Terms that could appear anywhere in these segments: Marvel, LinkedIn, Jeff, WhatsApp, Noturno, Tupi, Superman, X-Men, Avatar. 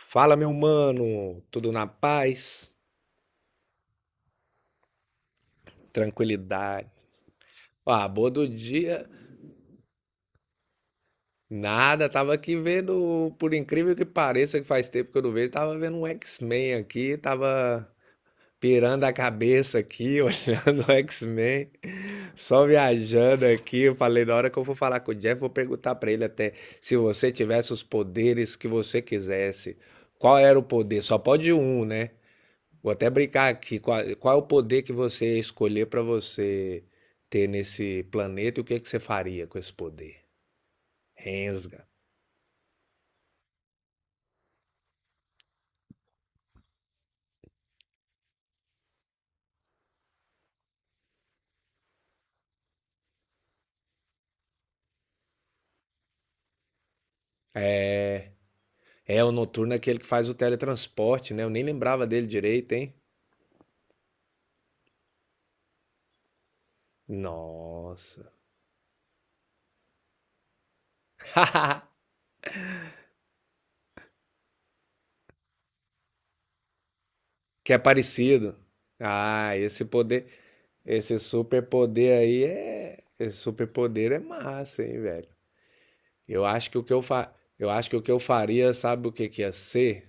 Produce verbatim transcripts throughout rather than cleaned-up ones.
Fala, meu mano, tudo na paz? Tranquilidade. Ó, a boa do dia, nada, tava aqui vendo, por incrível que pareça, que faz tempo que eu não vejo, tava vendo um X-Men aqui, tava pirando a cabeça aqui, olhando o X-Men, só viajando aqui. Eu falei, na hora que eu for falar com o Jeff, vou perguntar pra ele até se você tivesse os poderes que você quisesse, qual era o poder? Só pode um, né? Vou até brincar aqui, qual, qual é o poder que você ia escolher para você ter nesse planeta e o que é que você faria com esse poder? Rensga. É, o Noturno é aquele que faz o teletransporte, né? Eu nem lembrava dele direito, hein? Nossa. Que é parecido. Ah, esse poder, esse superpoder aí é, esse superpoder é massa, hein, velho? Eu acho que o que eu fa... eu acho que o que eu faria, sabe o que que ia ser?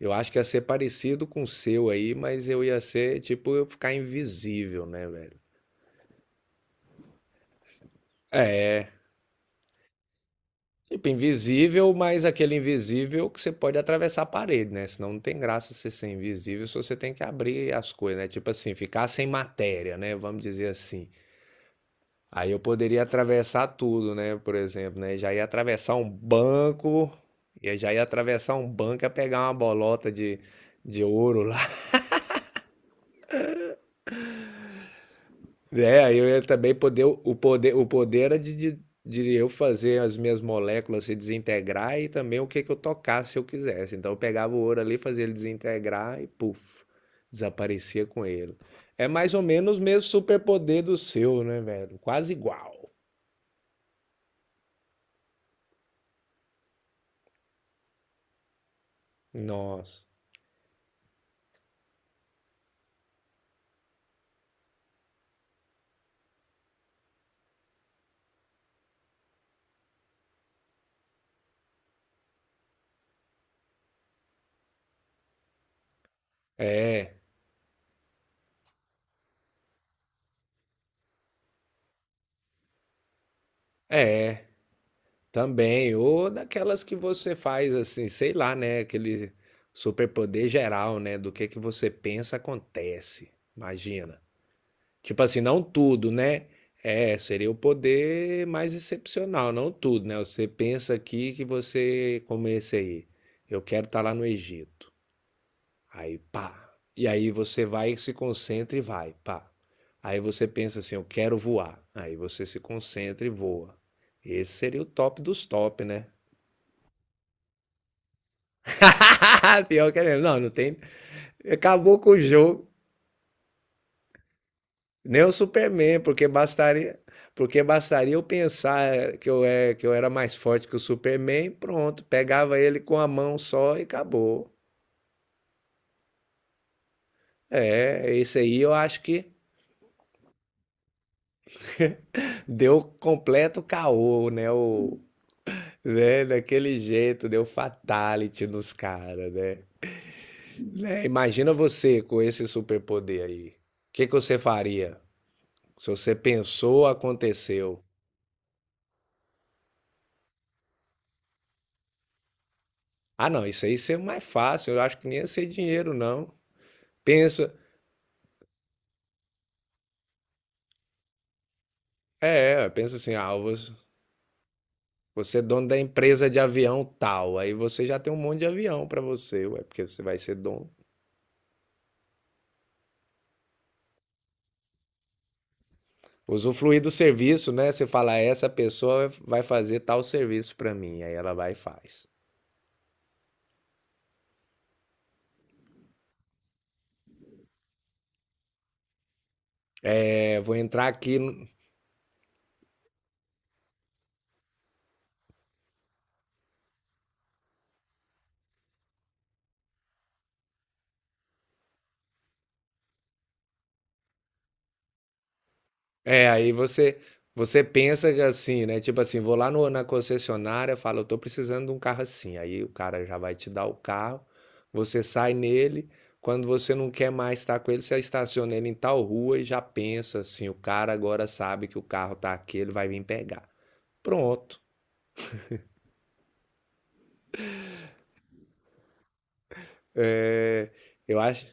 Eu acho que ia ser parecido com o seu aí, mas eu ia ser, tipo, eu ficar invisível, né, velho? É. Tipo, invisível, mas aquele invisível que você pode atravessar a parede, né? Senão não tem graça você ser invisível se você tem que abrir as coisas, né? Tipo assim, ficar sem matéria, né? Vamos dizer assim. Aí eu poderia atravessar tudo, né? Por exemplo, né? Já ia atravessar um banco, eu já ia atravessar um banco e ia pegar uma bolota de, de ouro lá. É, eu ia também poder, o poder, o poder era de, de, de eu fazer as minhas moléculas se desintegrar e também o que que eu tocasse se eu quisesse. Então eu pegava o ouro ali, fazia ele desintegrar e puf, desaparecia com ele. É mais ou menos o mesmo superpoder do seu, né, velho? Quase igual. Nossa. É, também. Ou daquelas que você faz assim, sei lá, né? Aquele superpoder geral, né? Do que que você pensa acontece. Imagina. Tipo assim, não tudo, né? É, seria o poder mais excepcional, não tudo, né? Você pensa aqui que você, como esse aí, eu quero estar lá no Egito. Aí, pá. E aí você vai, se concentra e vai, pá. Aí você pensa assim, eu quero voar. Aí você se concentra e voa. Esse seria o top dos top, né? Pior que é mesmo. Não, não tem. Acabou com o jogo. Nem o Superman, porque bastaria, porque bastaria eu pensar que eu, é, que eu era mais forte que o Superman, pronto, pegava ele com a mão só e acabou. É, esse aí eu acho que deu completo caô, né? O, né? Daquele jeito, deu fatality nos caras, né? Né, imagina você com esse superpoder aí. O que, que você faria? Se você pensou, aconteceu. Ah, não, isso aí seria mais fácil. Eu acho que nem ia ser dinheiro, não. Pensa, é, é, pensa assim, ah, você você é dono da empresa de avião tal, aí você já tem um monte de avião para você, ué, porque você vai ser dono. Usufruir do serviço, né? Você fala, essa pessoa vai fazer tal serviço para mim, aí ela vai e faz. É, vou entrar aqui. É, aí você você pensa que assim, né? Tipo assim, vou lá no- na concessionária, falo, eu tô precisando de um carro assim. Aí o cara já vai te dar o carro, você sai nele. Quando você não quer mais estar com ele, você estaciona ele em tal rua e já pensa assim, o cara agora sabe que o carro tá aqui, ele vai vir pegar. Pronto. É, eu acho.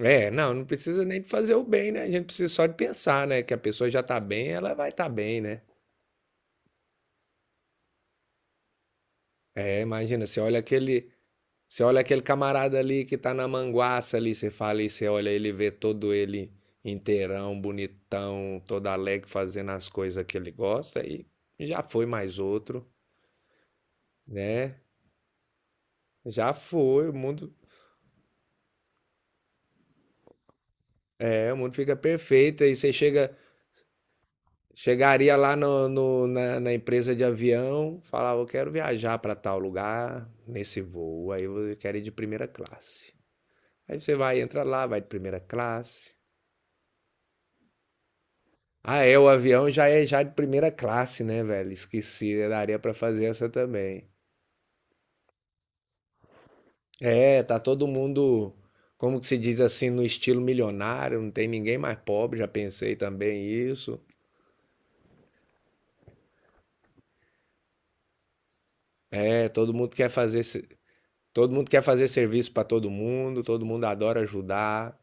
É, não, não precisa nem fazer o bem, né? A gente precisa só de pensar, né? Que a pessoa já tá bem, ela vai estar tá bem, né? É, imagina, você olha aquele Você olha aquele camarada ali que tá na manguaça ali, você fala e você olha ele vê todo ele inteirão, bonitão, todo alegre fazendo as coisas que ele gosta e já foi mais outro, né? Já foi, o mundo, é, o mundo fica perfeito aí você chega chegaria lá no, no- na, na empresa de avião, falava, eu quero viajar para tal lugar nesse voo, aí eu quero ir de primeira classe. Aí você vai, entra lá, vai de primeira classe. Ah, é, o avião já é já de primeira classe, né, velho? Esqueci, daria pra fazer essa também. É, tá todo mundo, como que se diz assim, no estilo milionário, não tem ninguém mais pobre, já pensei também isso. É, todo mundo quer fazer, se- todo mundo quer fazer serviço pra todo mundo, todo mundo adora ajudar.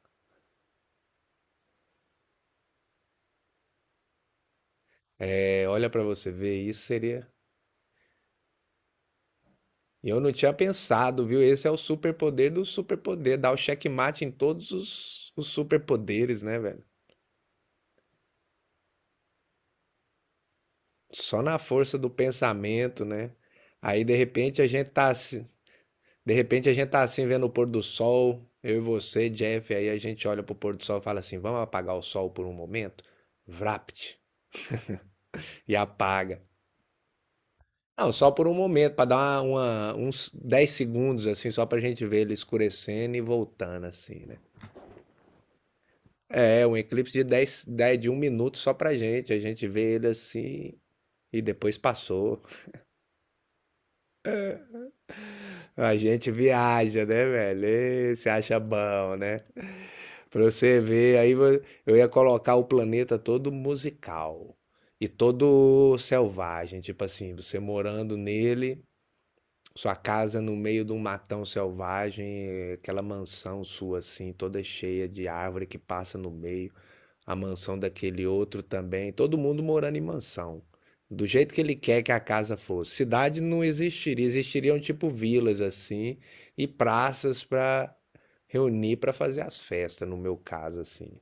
É, olha pra você ver, isso seria. E eu não tinha pensado, viu? Esse é o superpoder do superpoder, dar o checkmate em todos os, os superpoderes, né, velho? Só na força do pensamento, né? Aí de repente a gente tá assim, de repente a gente tá assim vendo o pôr do sol, eu e você, Jeff, aí a gente olha pro pôr do sol e fala assim: "Vamos apagar o sol por um momento?" Vrapt. E apaga. Não, só por um momento, para dar uma, uma- uns dez segundos, assim, só pra gente ver ele escurecendo e voltando, assim, né? É, um eclipse de dez, dez de um minuto só pra gente. A gente vê ele assim e depois passou. A gente viaja, né, velho? Ê, se acha bom, né? Pra você ver, aí vo- eu ia colocar o planeta todo musical e todo selvagem, tipo assim, você morando nele, sua casa no meio de um matão selvagem, aquela mansão sua assim, toda cheia de árvore que passa no meio, a mansão daquele outro também, todo mundo morando em mansão, do jeito que ele quer que a casa fosse. Cidade não existiria, existiriam tipo vilas assim e praças para reunir para fazer as festas, no meu caso assim.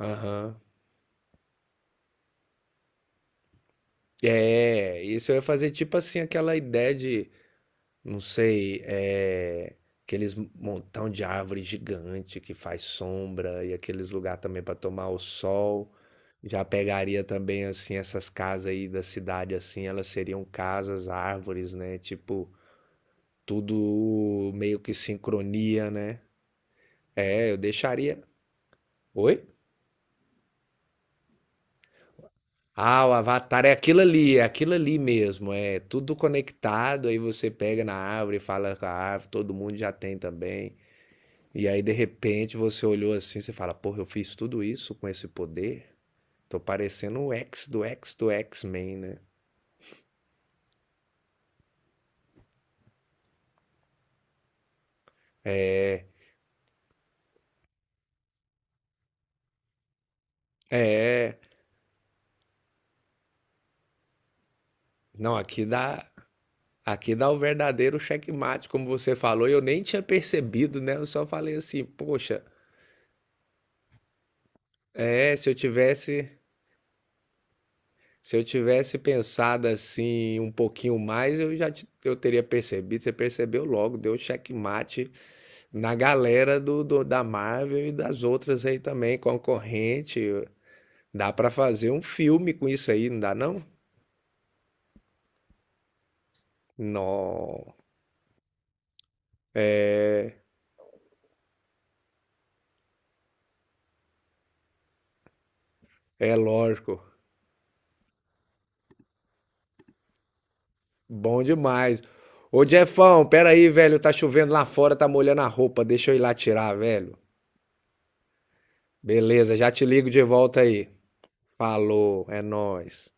Aham. É, isso eu ia fazer tipo assim, aquela ideia de, não sei, é, aqueles montão de árvore gigante que faz sombra e aqueles lugar também para tomar o sol. Já pegaria também assim essas casas aí da cidade assim, elas seriam casas, árvores, né? Tipo, tudo meio que sincronia, né? É, eu deixaria. Oi? Ah, o Avatar é aquilo ali, é aquilo ali mesmo, é tudo conectado, aí você pega na árvore, fala com a árvore, todo mundo já tem também. E aí, de repente, você olhou assim, você fala, porra, eu fiz tudo isso com esse poder? Tô parecendo o X do X do X-Men, né? É, é, não, aqui dá, aqui dá o verdadeiro checkmate, como você falou, e eu nem tinha percebido, né? Eu só falei assim, poxa, é, se eu tivesse, se eu tivesse pensado assim um pouquinho mais, eu já te- eu teria percebido, você percebeu logo, deu checkmate na galera do, do- da Marvel e das outras aí também, concorrente. Dá pra fazer um filme com isso aí, não dá não? Não, é lógico. Bom demais. Ô Jeffão, pera aí, velho, tá chovendo lá fora, tá molhando a roupa, deixa eu ir lá tirar, velho. Beleza, já te ligo de volta aí. Falou, é nóis.